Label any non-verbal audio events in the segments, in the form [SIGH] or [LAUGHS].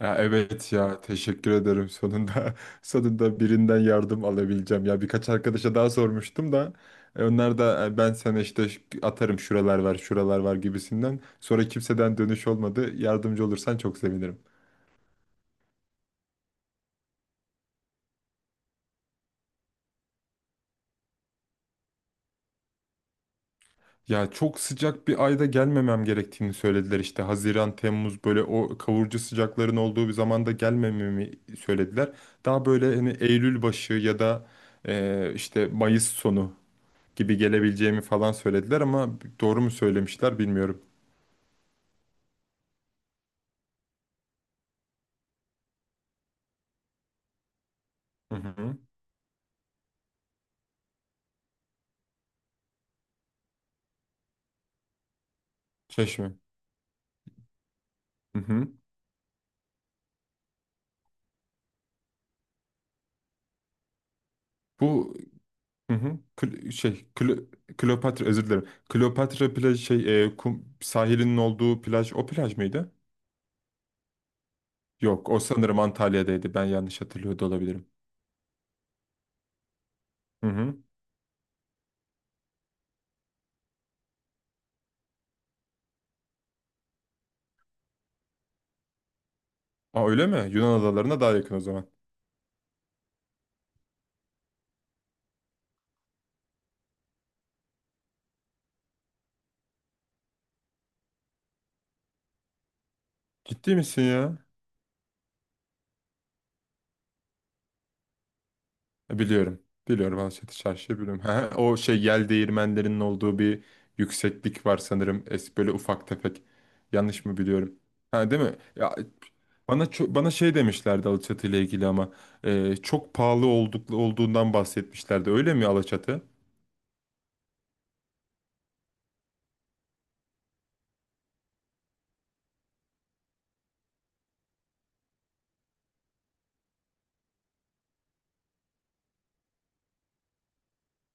Ya evet, ya teşekkür ederim, sonunda [LAUGHS] sonunda birinden yardım alabileceğim. Ya birkaç arkadaşa daha sormuştum da onlar da ben sana işte atarım şuralar var, şuralar var gibisinden, sonra kimseden dönüş olmadı. Yardımcı olursan çok sevinirim. Ya çok sıcak bir ayda gelmemem gerektiğini söylediler, işte Haziran, Temmuz, böyle o kavurucu sıcakların olduğu bir zamanda gelmememi söylediler. Daha böyle hani Eylül başı ya da işte Mayıs sonu gibi gelebileceğimi falan söylediler, ama doğru mu söylemişler bilmiyorum. Hı hı. Çeşme. Hı hı. Bu hı hı. Kleopatra, özür dilerim. Kleopatra plaj, kum sahilinin olduğu plaj, o plaj mıydı? Yok, o sanırım Antalya'daydı. Ben yanlış hatırlıyor da olabilirim. Hı hı. Aa, öyle mi? Yunan adalarına daha yakın o zaman. Ciddi misin ya? Biliyorum. Biliyorum, Alaçatı Çarşı'yı biliyorum. [LAUGHS] Ha, o şey yel değirmenlerinin olduğu bir yükseklik var sanırım. Es böyle ufak tefek. Yanlış mı biliyorum? Ha, değil mi? Ya, bana şey demişlerdi Alaçatı ile ilgili, ama çok pahalı olduğundan bahsetmişlerdi. Öyle mi Alaçatı?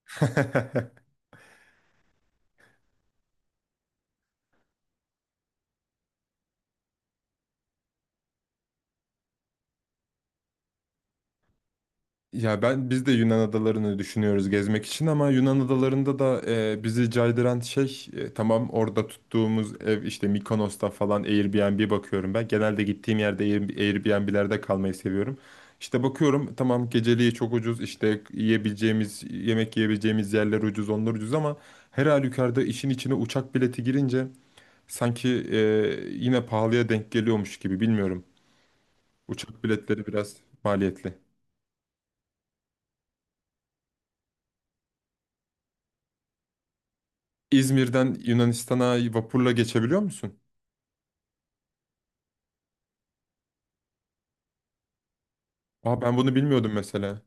[LAUGHS] Ya biz de Yunan adalarını düşünüyoruz gezmek için, ama Yunan adalarında da bizi caydıran şey, tamam, orada tuttuğumuz ev, işte Mikonos'ta falan Airbnb bakıyorum ben. Genelde gittiğim yerde Airbnb'lerde kalmayı seviyorum. İşte bakıyorum, tamam, geceliği çok ucuz, işte yiyebileceğimiz yerler ucuz, onlar ucuz, ama her halükarda işin içine uçak bileti girince sanki yine pahalıya denk geliyormuş gibi, bilmiyorum. Uçak biletleri biraz maliyetli. İzmir'den Yunanistan'a vapurla geçebiliyor musun? Aa, ben bunu bilmiyordum mesela.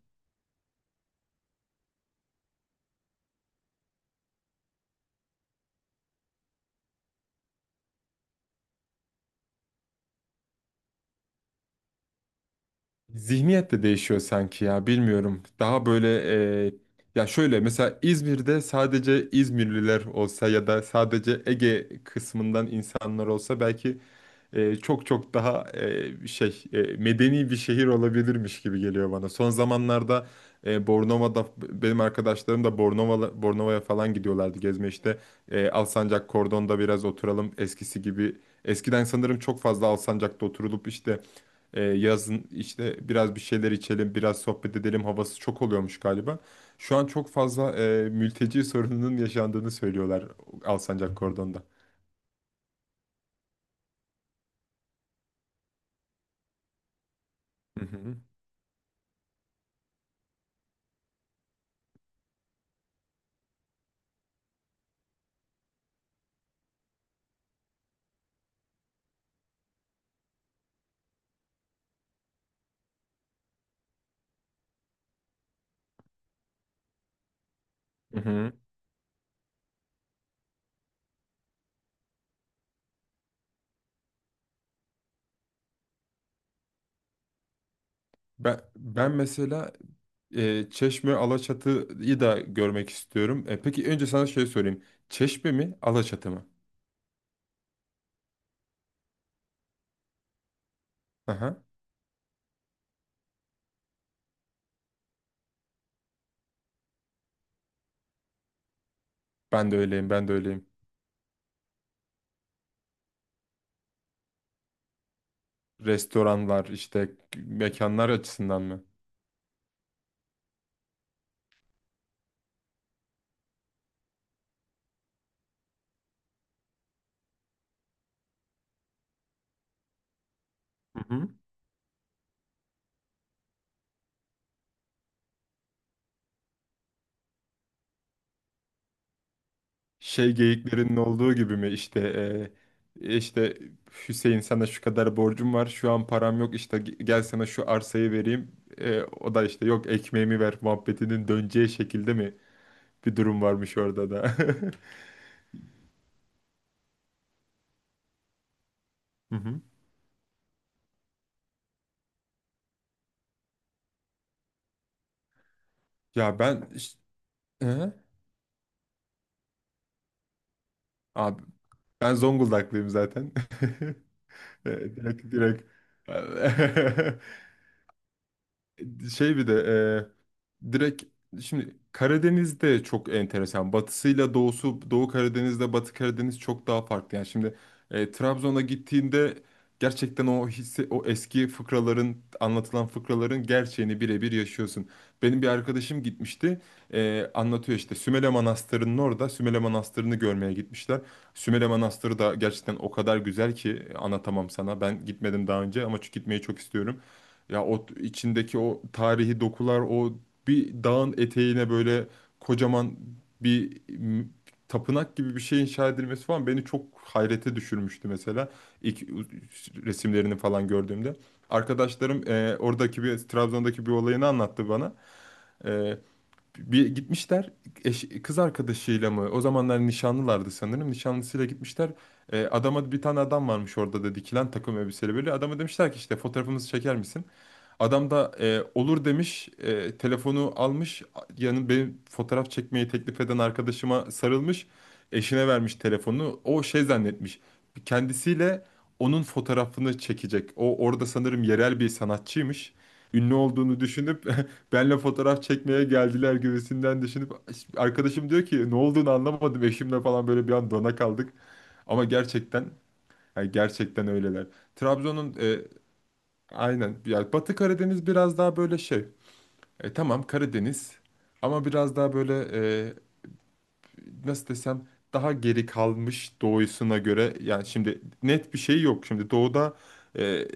Zihniyet de değişiyor sanki ya, bilmiyorum. Daha böyle e, ya şöyle, mesela İzmir'de sadece İzmirliler olsa ya da sadece Ege kısmından insanlar olsa belki çok çok daha medeni bir şehir olabilirmiş gibi geliyor bana. Son zamanlarda Bornova'da benim arkadaşlarım da Bornova'ya falan gidiyorlardı gezme, işte. Alsancak Kordon'da biraz oturalım eskisi gibi. Eskiden sanırım çok fazla Alsancak'ta oturulup, işte yazın işte biraz bir şeyler içelim, biraz sohbet edelim havası çok oluyormuş galiba. Şu an çok fazla mülteci sorununun yaşandığını söylüyorlar Alsancak Kordon'da. Hı hı. Hı hı. Ben mesela Çeşme, Alaçatı'yı da görmek istiyorum. Peki, önce sana şey sorayım. Çeşme mi, Alaçatı mı? Aha. Ben de öyleyim, ben de öyleyim. Restoranlar, işte mekanlar açısından mı? Hı hı. Şey geyiklerinin olduğu gibi mi, İşte e, işte Hüseyin sana şu kadar borcum var, şu an param yok, işte gel sana şu arsayı vereyim. O da işte yok, ekmeğimi ver muhabbetinin döneceği şekilde mi bir durum varmış orada da. [LAUGHS] Hı hı. Ya ben iş- Hı? Abi, ben Zonguldaklıyım zaten. [LAUGHS] E, Direkt, direkt. [LAUGHS] Şey bir de e, direkt, şimdi Karadeniz'de çok enteresan. Batısıyla doğusu, Doğu Karadeniz'de Batı Karadeniz çok daha farklı. Yani şimdi Trabzon'a gittiğinde gerçekten o hisse, o eski anlatılan fıkraların gerçeğini birebir yaşıyorsun. Benim bir arkadaşım gitmişti. Anlatıyor işte, Sümele Manastırı'nın orada, Sümele Manastırı'nı görmeye gitmişler. Sümele Manastırı da gerçekten o kadar güzel ki, anlatamam sana. Ben gitmedim daha önce, ama gitmeyi çok istiyorum. Ya içindeki o tarihi dokular, o bir dağın eteğine böyle kocaman bir m, tapınak gibi bir şey inşa edilmesi falan beni çok hayrete düşürmüştü, mesela ilk resimlerini falan gördüğümde. Arkadaşlarım oradaki Trabzon'daki bir olayını anlattı bana. E, Bir gitmişler, kız arkadaşıyla mı? O zamanlar nişanlılardı sanırım. Nişanlısıyla gitmişler. E, adama Bir tane adam varmış orada da, dikilen, takım elbiseli böyle. Adama demişler ki, işte fotoğrafımızı çeker misin? Adam da olur demiş, telefonu almış, yani benim fotoğraf çekmeyi teklif eden arkadaşıma sarılmış, eşine vermiş telefonu. O şey zannetmiş, kendisiyle onun fotoğrafını çekecek. O orada sanırım yerel bir sanatçıymış. Ünlü olduğunu düşünüp [LAUGHS] benle fotoğraf çekmeye geldiler gibisinden düşünüp, arkadaşım diyor ki ne olduğunu anlamadım, eşimle falan böyle bir an dona kaldık. Ama gerçekten, yani gerçekten öyleler. Trabzon'un aynen. Yani Batı Karadeniz biraz daha böyle şey. Tamam, Karadeniz, ama biraz daha böyle e, nasıl desem, daha geri kalmış doğusuna göre. Yani şimdi net bir şey yok. Şimdi doğuda e,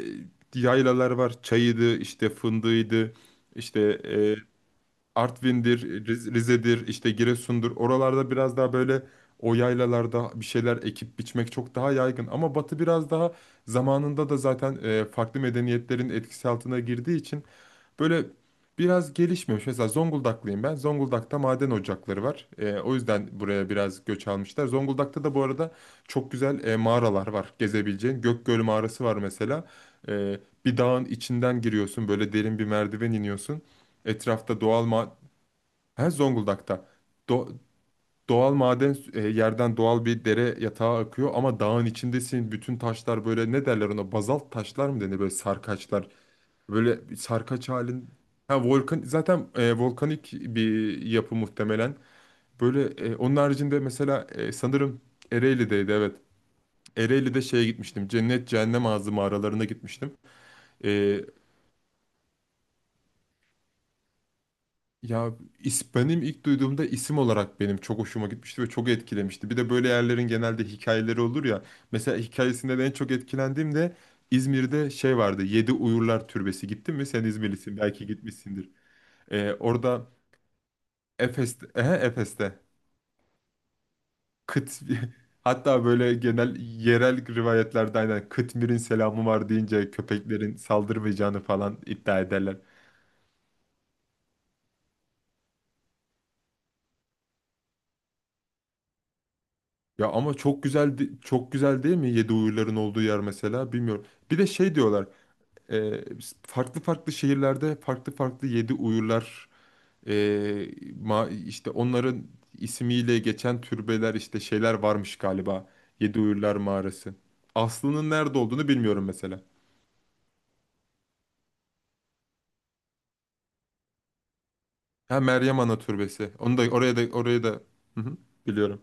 yaylalar var. Çayıydı, işte fındığıydı, işte e, Artvin'dir, Rize'dir, işte Giresun'dur. Oralarda biraz daha böyle, o yaylalarda bir şeyler ekip biçmek çok daha yaygın. Ama Batı biraz daha, zamanında da zaten farklı medeniyetlerin etkisi altına girdiği için böyle biraz gelişmemiş. Mesela Zonguldaklıyım ben. Zonguldak'ta maden ocakları var. O yüzden buraya biraz göç almışlar. Zonguldak'ta da bu arada çok güzel mağaralar var gezebileceğin. Gökgöl mağarası var mesela. Ee, Bir dağın içinden giriyorsun. Böyle derin bir merdiven iniyorsun. Etrafta doğal ma... Ha, Zonguldak'ta. Do- Doğal yerden doğal bir dere yatağı akıyor, ama dağın içindesin. Bütün taşlar böyle, ne derler ona? Bazalt taşlar mı denir? Böyle sarkaçlar. Böyle bir sarkaç halin. Ha, volkan zaten, volkanik bir yapı muhtemelen. Böyle onun haricinde mesela sanırım Ereğli'deydi, evet. Ereğli'de şeye gitmiştim. Cennet Cehennem Ağzı mağaralarına gitmiştim. E, Ya benim ilk duyduğumda isim olarak benim çok hoşuma gitmişti ve çok etkilemişti. Bir de böyle yerlerin genelde hikayeleri olur ya. Mesela hikayesinde de en çok etkilendiğim de, İzmir'de şey vardı, Yedi Uyurlar Türbesi. Gittin mi? Sen İzmirlisin, belki gitmişsindir. Orada Efes'te. Kıt, [LAUGHS] hatta böyle genel yerel rivayetlerde, aynen, Kıtmir'in selamı var deyince köpeklerin saldırmayacağını falan iddia ederler. Ya ama çok güzel, çok güzel değil mi yedi uyurların olduğu yer, mesela, bilmiyorum. Bir de şey diyorlar, e, farklı farklı şehirlerde farklı farklı yedi uyurlar, e, işte onların ismiyle geçen türbeler, işte şeyler varmış galiba. Yedi Uyurlar Mağarası. Aslının nerede olduğunu bilmiyorum mesela. Ha, Meryem Ana Türbesi. Onu da, oraya da, oraya da. Hı hı, biliyorum.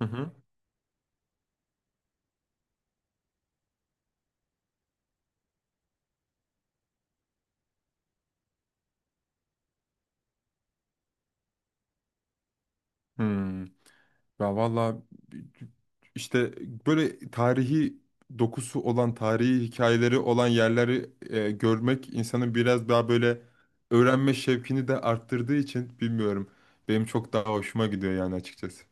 Hı hı. Hmm. Ya valla, işte böyle tarihi dokusu olan, tarihi hikayeleri olan yerleri görmek insanın biraz daha böyle öğrenme şevkini de arttırdığı için, bilmiyorum. Benim çok daha hoşuma gidiyor yani, açıkçası.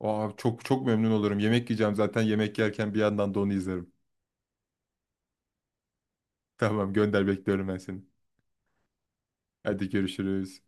Aa, çok çok memnun olurum. Yemek yiyeceğim zaten, yemek yerken bir yandan da onu izlerim. [LAUGHS] Tamam, gönder, bekliyorum ben seni. Hadi, görüşürüz.